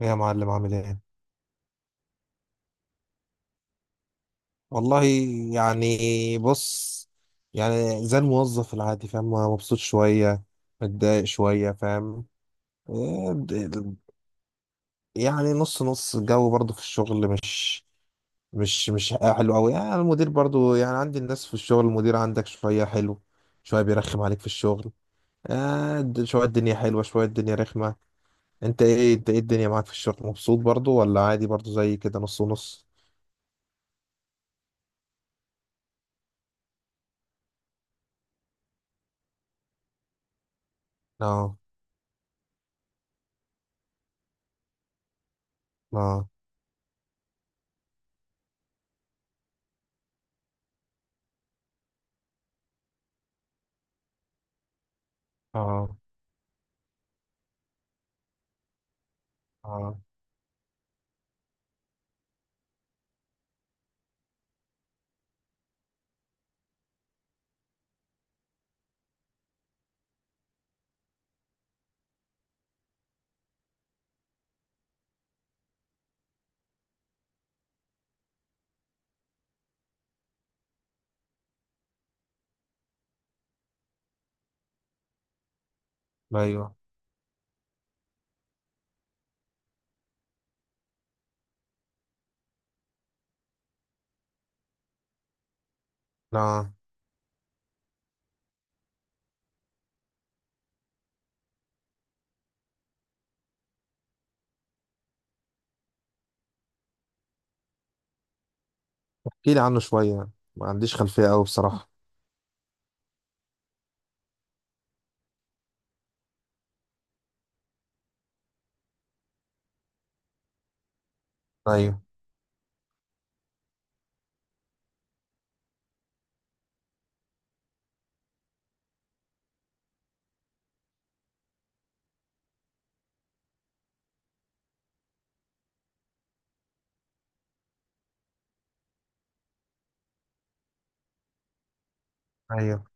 يا معلم، عامل ايه؟ والله، يعني، بص، يعني زي الموظف العادي، فاهم؟ مبسوط شوية، متضايق شوية، فاهم؟ إيه، د- يعني نص نص الجو برضو في الشغل، مش حلو قوي. يعني المدير برضو، يعني عندي الناس في الشغل، المدير عندك شوية حلو، شوية بيرخم عليك في الشغل. شوية الدنيا حلوة، شوية الدنيا رخمة. انت ايه الدنيا معاك في الشغل؟ مبسوط برضو ولا عادي برضو زي كده نص ونص؟ اه. اه. اه. اه. ايوه. لا. احكي لي عنه شويه، ما عنديش خلفيه قوي بصراحه. ايوه. ايوه.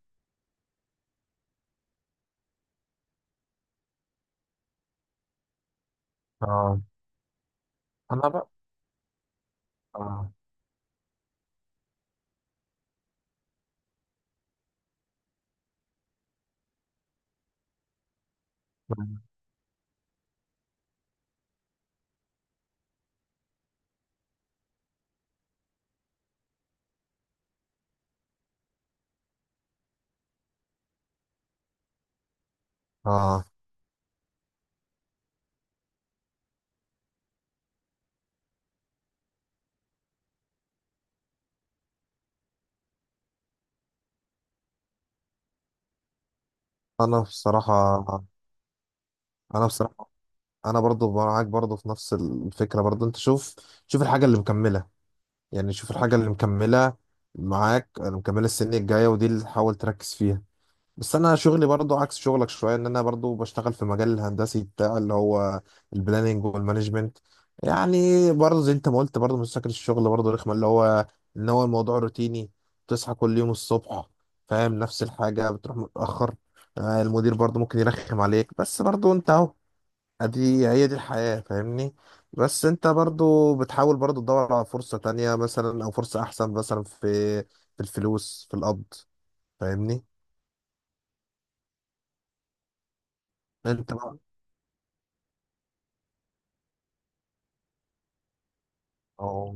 اه. انا بقى. اه. اه. انا بصراحه انا بصراحه انا برضو معاك برضو في نفس الفكره. برضو انت شوف، شوف الحاجه اللي مكمله، يعني شوف الحاجه اللي مكمله معاك، اللي مكمله السنه الجايه، ودي اللي حاول تركز فيها. بس انا شغلي برضو عكس شغلك شويه، ان انا برضو بشتغل في مجال الهندسي بتاع اللي هو البلاننج والمانجمنت. يعني برضو زي انت ما قلت، برضو من شكل الشغل برضو رخمه، اللي هو ان هو الموضوع روتيني، بتصحى كل يوم الصبح، فاهم؟ نفس الحاجه، بتروح متاخر. المدير برضو ممكن يرخم عليك، بس برضو انت اهو، ادي هي دي الحياه، فاهمني؟ بس انت برضو بتحاول برضو تدور على فرصه تانية مثلا، او فرصه احسن مثلا في الفلوس، في القبض. فاهمني؟ انت بقى. أو.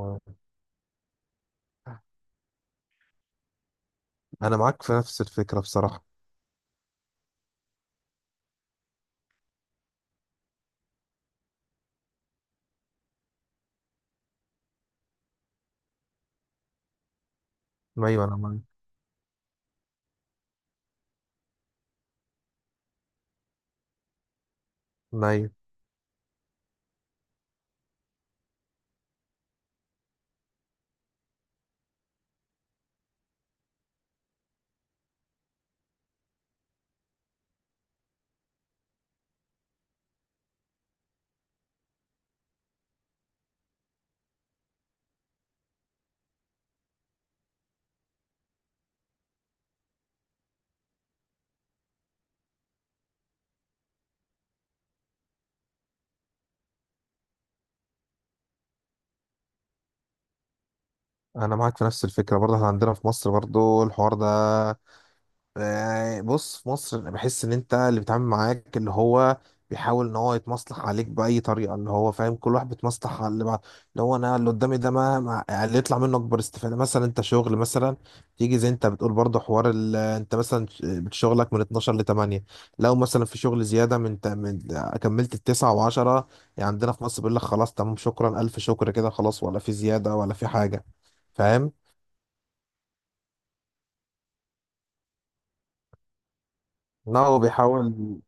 أنا معاك في نفس الفكرة بصراحة. أيوة أنا معاك. أيوة أنا معاك في نفس الفكرة برضه. إحنا عندنا في مصر برضه الحوار ده. يعني بص، في مصر انا بحس ان انت اللي بيتعامل معاك اللي هو بيحاول ان هو يتمصلح عليك باي طريقه، اللي هو فاهم كل واحد بيتمصلح على اللي بعد، اللي هو انا اللي قدامي ده، يعني اللي يطلع منه اكبر استفاده. مثلا انت شغل مثلا، تيجي زي انت بتقول برضه حوار ال... آه، انت مثلا شغلك من 12 ل 8. لو مثلا في شغل زياده من، كملت التسعة و10، يعني عندنا في مصر بيقول لك خلاص تمام، شكرا، الف شكر كده خلاص، ولا في زياده ولا في حاجه. فاهم؟ لا هو بيحاول،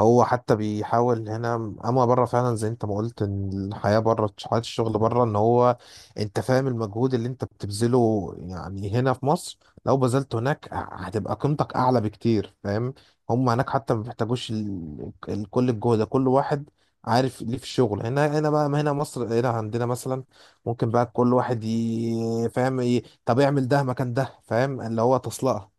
هو حتى بيحاول هنا. اما بره فعلا زي انت ما قلت، ان الحياه بره، حياه الشغل بره، ان هو انت فاهم المجهود اللي انت بتبذله، يعني هنا في مصر لو بذلته هناك هتبقى قيمتك اعلى بكتير، فاهم؟ هم هناك حتى ما بيحتاجوش كل الجهد ده. كل واحد عارف ليه في الشغل هنا. هنا بقى، ما هنا مصر، هنا عندنا مثلا ممكن بقى كل واحد فاهم طب اعمل ده مكان ده، فاهم اللي هو تصلقه.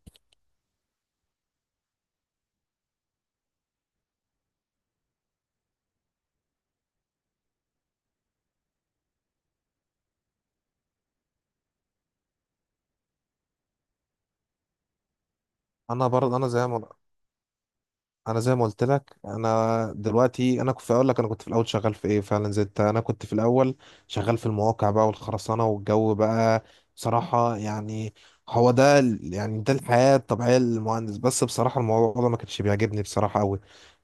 انا برضه انا زي ما قلت لك انا دلوقتي، انا كنت اقول لك انا كنت في الاول شغال في ايه فعلا زي انت. انا كنت في الاول شغال في المواقع بقى والخرسانه والجو بقى، بصراحه. يعني هو ده يعني ده الحياه الطبيعيه للمهندس. بس بصراحه الموضوع ده ما كانش بيعجبني بصراحه قوي،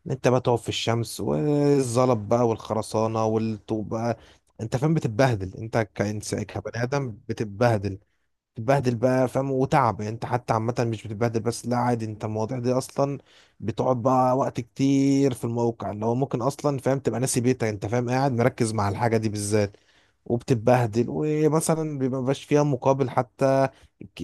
ان انت بقى تقف في الشمس والزلط بقى والخرسانه والطوب بقى، انت فاهم؟ بتتبهدل انت كإنسان، كبني ادم بتتبهدل، تتبهدل بقى، فاهم؟ وتعب. يعني انت حتى عامة مش بتتبهدل بس لا عادي، انت المواضيع دي اصلا بتقعد بقى وقت كتير في الموقع، اللي هو ممكن اصلا فاهم تبقى ناسي بيتك، انت فاهم قاعد مركز مع الحاجة دي بالذات، وبتتبهدل، ومثلا بيبقى مبقاش فيها مقابل حتى. ك-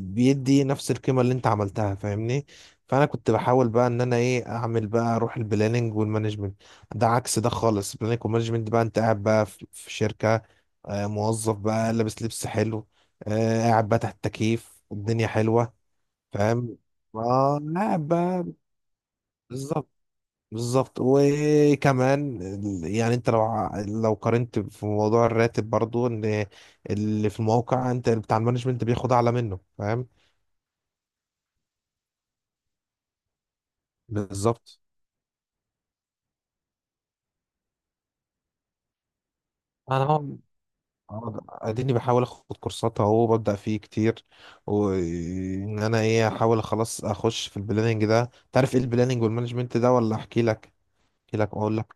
بيدي نفس القيمة اللي انت عملتها. فاهمني؟ فانا كنت بحاول بقى ان انا ايه اعمل بقى، اروح البلاننج والمانجمنت. ده عكس ده خالص. البلاننج والمانجمنت بقى انت قاعد بقى في شركة، موظف بقى، لابس لبس حلو، قاعد بقى تحت التكييف والدنيا حلوة، فاهم؟ اه، قاعد بقى. بالظبط. بالظبط. وكمان يعني انت لو لو قارنت في موضوع الراتب برضو، ان اللي في الموقع انت بتاع المانجمنت بياخد اعلى منه. فاهم؟ بالظبط. انا بقعد- اديني بحاول اخد كورسات اهو، ببدا فيه كتير، وان انا ايه احاول خلاص اخش في البلاننج ده. تعرف ايه البلاننج والمانجمنت ده ولا احكي لك؟ احكي لك، اقول لك.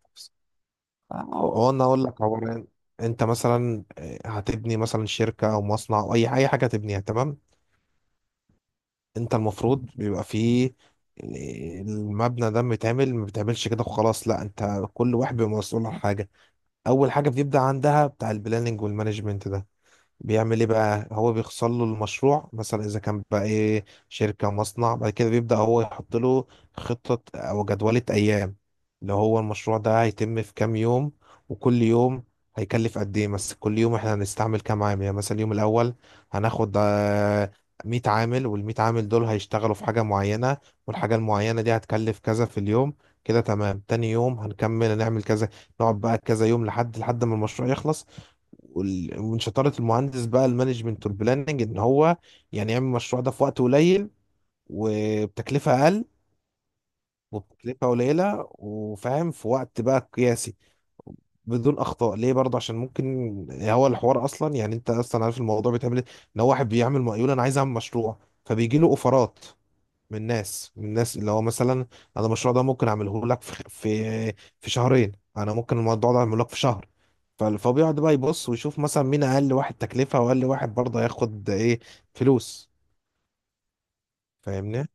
هو انا اقول لك هو أنا- انت مثلا هتبني مثلا شركه او مصنع، او اي حاجه تبنيها، تمام؟ انت المفروض بيبقى فيه، المبنى ده متعمل، ما بتعملش كده وخلاص، لا، انت كل واحد بيبقى مسؤول عن حاجه. اول حاجه بيبدا عندها بتاع البلاننج والمانجمنت ده، بيعمل ايه بقى؟ هو بيخصل له المشروع مثلا، اذا كان بقى ايه شركة مصنع. بعد كده بيبدأ هو يحط له خطة، او جدولة ايام، اللي هو المشروع ده هيتم في كام يوم، وكل يوم هيكلف قد ايه. مثلا كل يوم احنا هنستعمل كام عامل. يعني مثلا اليوم الاول هناخد 100 عامل، وال100 عامل دول هيشتغلوا في حاجة معينة، والحاجة المعينة دي هتكلف كذا في اليوم. كده تمام، تاني يوم هنكمل هنعمل كذا، نقعد بقى كذا يوم لحد لحد ما المشروع يخلص. ومن شطارة المهندس بقى المانجمنت والبلاننج، ان هو يعني يعمل المشروع ده في وقت قليل وبتكلفة اقل، وبتكلفة قليلة، وفاهم في وقت بقى قياسي، بدون اخطاء. ليه برضه؟ عشان ممكن هو الحوار اصلا، يعني انت اصلا عارف الموضوع بيتعمل ايه، ان هو واحد بيعمل مقاول انا عايز اعمل مشروع، فبيجي له اوفرات من ناس، من ناس اللي هو مثلا انا المشروع ده ممكن اعمله لك في شهرين، انا ممكن الموضوع ده اعمله لك في شهر. فهو بيقعد بقى يبص ويشوف مثلا مين اقل واحد تكلفة، واقل واحد برضه هياخد ايه فلوس. فاهمني؟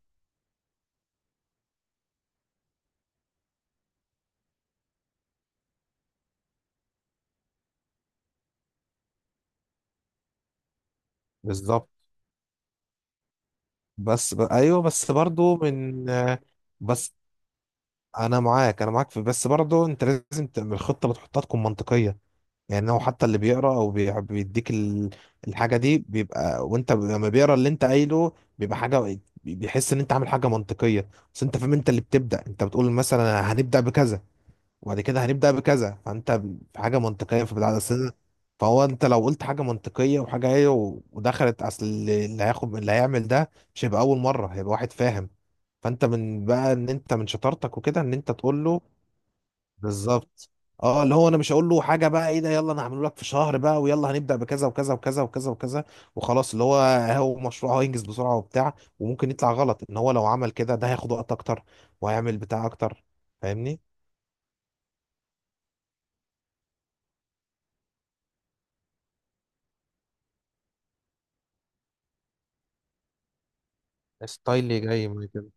بالظبط. ايوه، بس برضه من بس، انا معاك، انا معاك في، بس برضه انت لازم تعمل الخطة، بتحطها تكون منطقية. يعني هو حتى اللي بيقرا او بيديك الحاجه دي بيبقى، وانت لما بيقرا اللي انت قايله بيبقى حاجه، بيحس ان انت عامل حاجه منطقيه. بس انت فاهم انت اللي بتبدا، انت بتقول مثلا هنبدا بكذا، وبعد كده هنبدا بكذا، فانت في حاجه منطقيه في بدايه السنه. فهو انت لو قلت حاجه منطقيه وحاجه هي ودخلت، اصل اللي هياخد اللي هيعمل ده مش هيبقى اول مره، هيبقى واحد فاهم. فانت من بقى، ان انت من شطارتك وكده، ان انت تقول له. بالظبط. اه، اللي هو انا مش هقول له حاجه بقى ايه ده، يلا انا هعمله لك في شهر بقى، ويلا هنبدا بكذا وكذا وكذا وكذا وكذا وخلاص، اللي هو هو مشروع هينجز بسرعه وبتاع، وممكن يطلع غلط، ان هو لو عمل كده ده هياخد وقت اكتر، وهيعمل بتاع اكتر. فاهمني؟ ستايلي جاي من كده.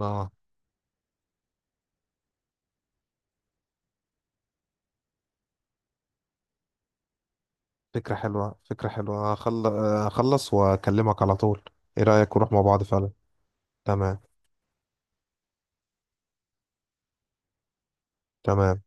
اه. فكره حلوه، فكره حلوه. اخلص واكلمك على طول. ايه رايك نروح مع بعض فعلا؟ تمام. تمام.